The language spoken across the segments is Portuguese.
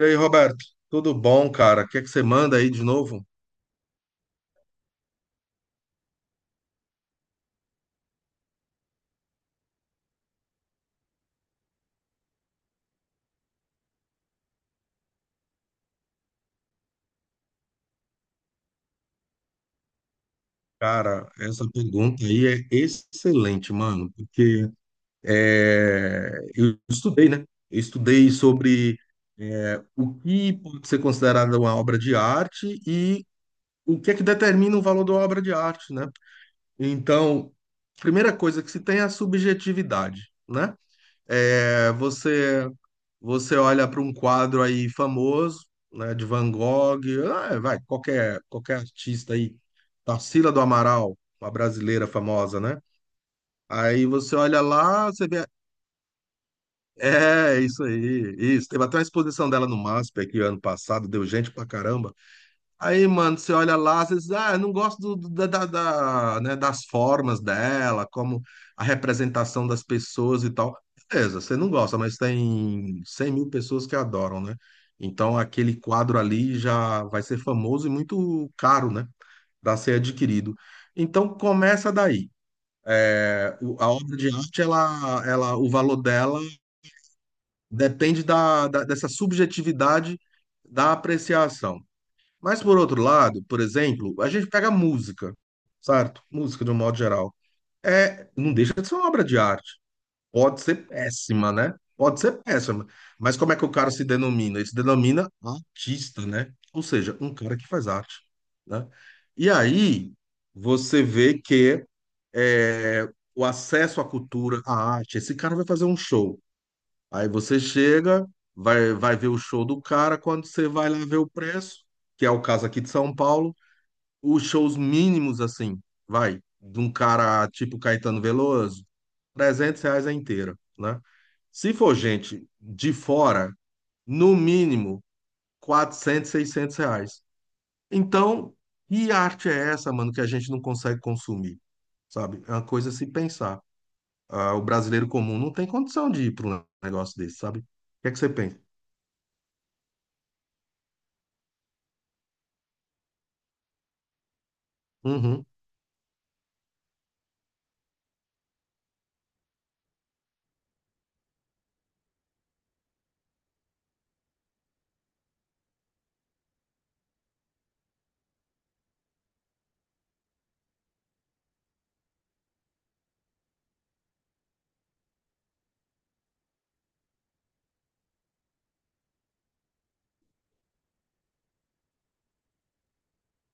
E aí, Roberto, tudo bom, cara? O que é que você manda aí de novo? Cara, essa pergunta aí é excelente, mano, porque eu estudei, né? Eu estudei sobre o que pode ser considerado uma obra de arte e o que é que determina o valor da obra de arte, né? Então, primeira coisa que se tem é a subjetividade, né? É, você Você olha para um quadro aí famoso, né, de Van Gogh, ah, vai, qualquer artista aí, Tarsila do Amaral, uma brasileira famosa, né? Aí você olha lá, você vê, isso aí, isso. Teve até uma exposição dela no MASP aqui ano passado, deu gente pra caramba. Aí, mano, você olha lá, você diz, ah, eu não gosto né, das formas dela, como a representação das pessoas e tal. Beleza, você não gosta, mas tem 100 mil pessoas que adoram, né? Então, aquele quadro ali já vai ser famoso e muito caro, né? Para ser adquirido. Então, começa daí. É, a obra de arte, o valor dela depende dessa subjetividade da apreciação. Mas por outro lado, por exemplo, a gente pega música, certo? Música de um modo geral. Não deixa de ser uma obra de arte. Pode ser péssima, né? Pode ser péssima. Mas como é que o cara se denomina? Ele se denomina artista, né? Ou seja, um cara que faz arte, né? E aí você vê que é, o acesso à cultura, à arte, esse cara vai fazer um show. Aí você chega, vai, vai ver o show do cara, quando você vai lá ver o preço, que é o caso aqui de São Paulo, os shows mínimos, assim, vai, de um cara tipo Caetano Veloso, R$ 300 a inteira, né? Se for gente de fora, no mínimo, 400, 600 reais. Então, que arte é essa, mano, que a gente não consegue consumir, sabe? É uma coisa a se pensar. Ah, o brasileiro comum não tem condição de ir para um negócio desse, sabe? O que é que você pensa? Uhum.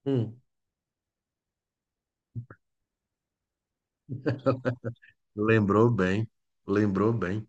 Hum, lembrou bem, lembrou bem.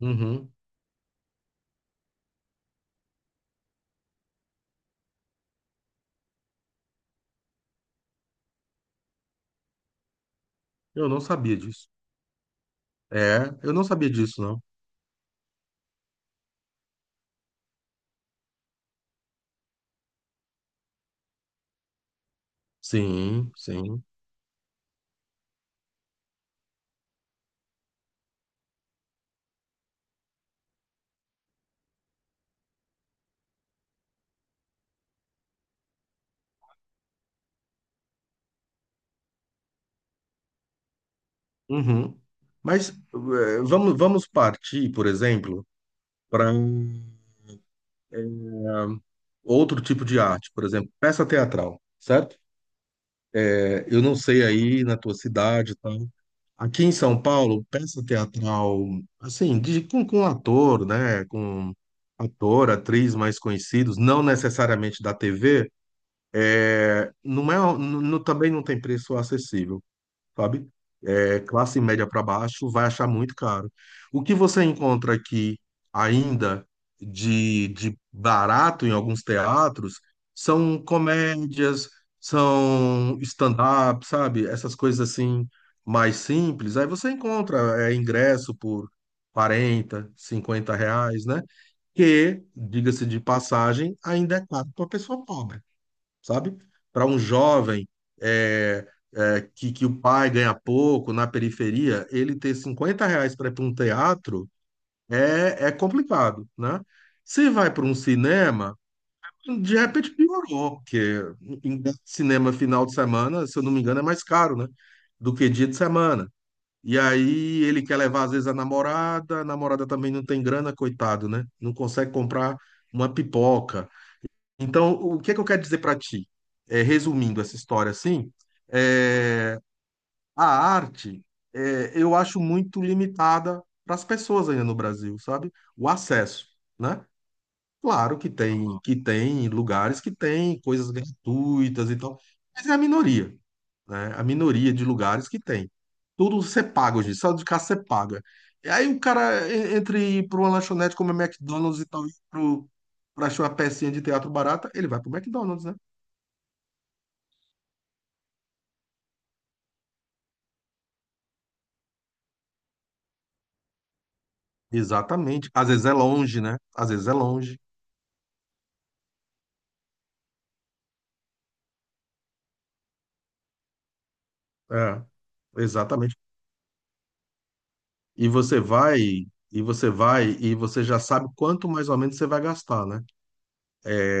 Uhum. Eu não sabia disso. É, eu não sabia disso, não. Sim, sim. Uhum. Mas vamos partir, por exemplo, para outro tipo de arte, por exemplo, peça teatral, certo? Eu não sei aí na tua cidade, e tal. Aqui em São Paulo, peça teatral, assim, com ator, né? Com ator, atriz mais conhecidos, não necessariamente da TV. Não é, também não tem preço acessível, sabe? Classe média para baixo vai achar muito caro. O que você encontra aqui ainda de barato em alguns teatros são comédias, são stand-up, sabe? Essas coisas assim mais simples. Aí você encontra ingresso por 40 50 reais, né? Que, diga-se de passagem, ainda é caro para pessoa pobre, sabe? Para um jovem é, que o pai ganha pouco na periferia, ele ter R$ 50 para ir para um teatro é complicado, né? Se vai para um cinema, de repente piorou, porque cinema final de semana, se eu não me engano, é mais caro, né? Do que dia de semana. E aí ele quer levar, às vezes, a namorada também não tem grana, coitado, né? Não consegue comprar uma pipoca. Então, o que é que eu quero dizer para ti? Resumindo essa história assim, é, a arte eu acho muito limitada para as pessoas ainda no Brasil, sabe? O acesso, né? Claro que tem lugares que tem coisas gratuitas e tal, mas é a minoria, né? A minoria de lugares que tem. Tudo você paga hoje, só de casa você paga. E aí o cara entre ir para uma lanchonete como a McDonald's e tal, para achar uma pecinha de teatro barata, ele vai para o McDonald's, né? Exatamente. Às vezes é longe, né? Às vezes é longe. É, exatamente. E você vai, e você vai, e você já sabe quanto mais ou menos você vai gastar, né?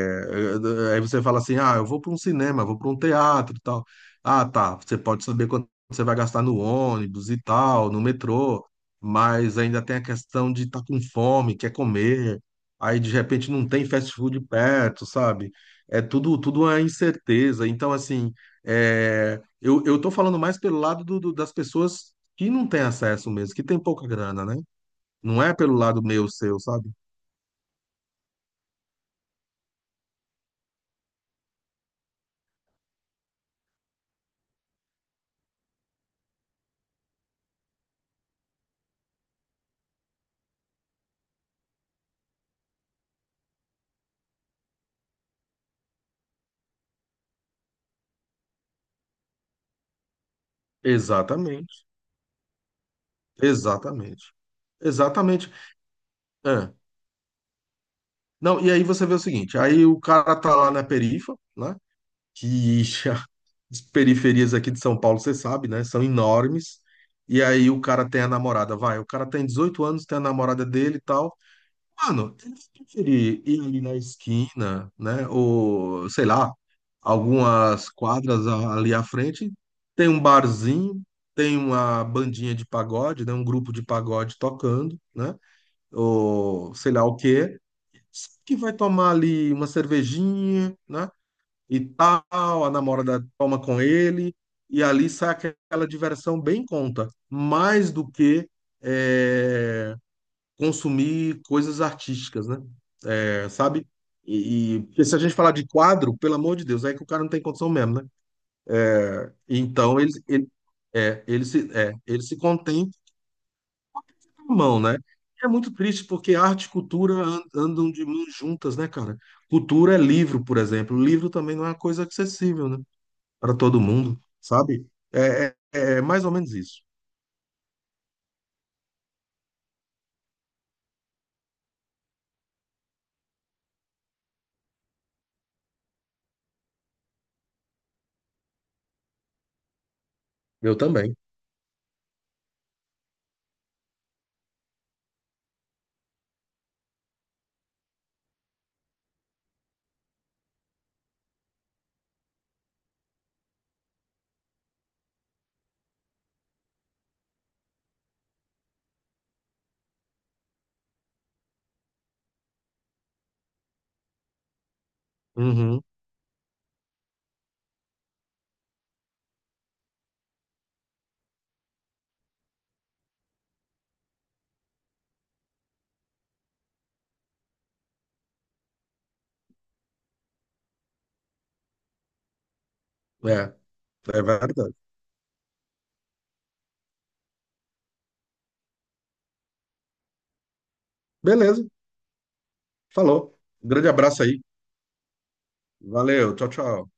Aí você fala assim: ah, eu vou para um cinema, vou para um teatro e tal. Ah, tá. Você pode saber quanto você vai gastar no ônibus e tal, no metrô, mas ainda tem a questão de estar com fome, quer comer. Aí de repente não tem fast food perto, sabe? É tudo, tudo é incerteza. Então, assim, eu tô falando mais pelo lado das pessoas que não têm acesso mesmo, que tem pouca grana, né? Não é pelo lado meu, seu, sabe? Exatamente. Exatamente. Exatamente. É. Não, e aí você vê o seguinte, aí o cara tá lá na perifa, né? Que as periferias aqui de São Paulo, você sabe, né? São enormes. E aí o cara tem a namorada, vai, o cara tem 18 anos, tem a namorada dele e tal. Mano, ele vai preferir ir ali na esquina, né? Ou, sei lá, algumas quadras ali à frente, tem um barzinho, tem uma bandinha de pagode, né? Um grupo de pagode tocando, né? Ou sei lá o quê. Que vai tomar ali uma cervejinha, né? E tal, a namorada toma com ele, e ali sai aquela diversão bem conta, mais do que é, consumir coisas artísticas, né? É, sabe? Porque se a gente falar de quadro, pelo amor de Deus, é que o cara não tem condição mesmo, né? Então ele se contém, mão, né? É muito triste porque arte e cultura andam de mãos juntas, né, cara? Cultura é livro, por exemplo. Livro também não é uma coisa acessível, né? Para todo mundo, sabe? É mais ou menos isso. Eu também. Uhum. É, é verdade. Beleza, falou. Um grande abraço aí. Valeu, tchau, tchau.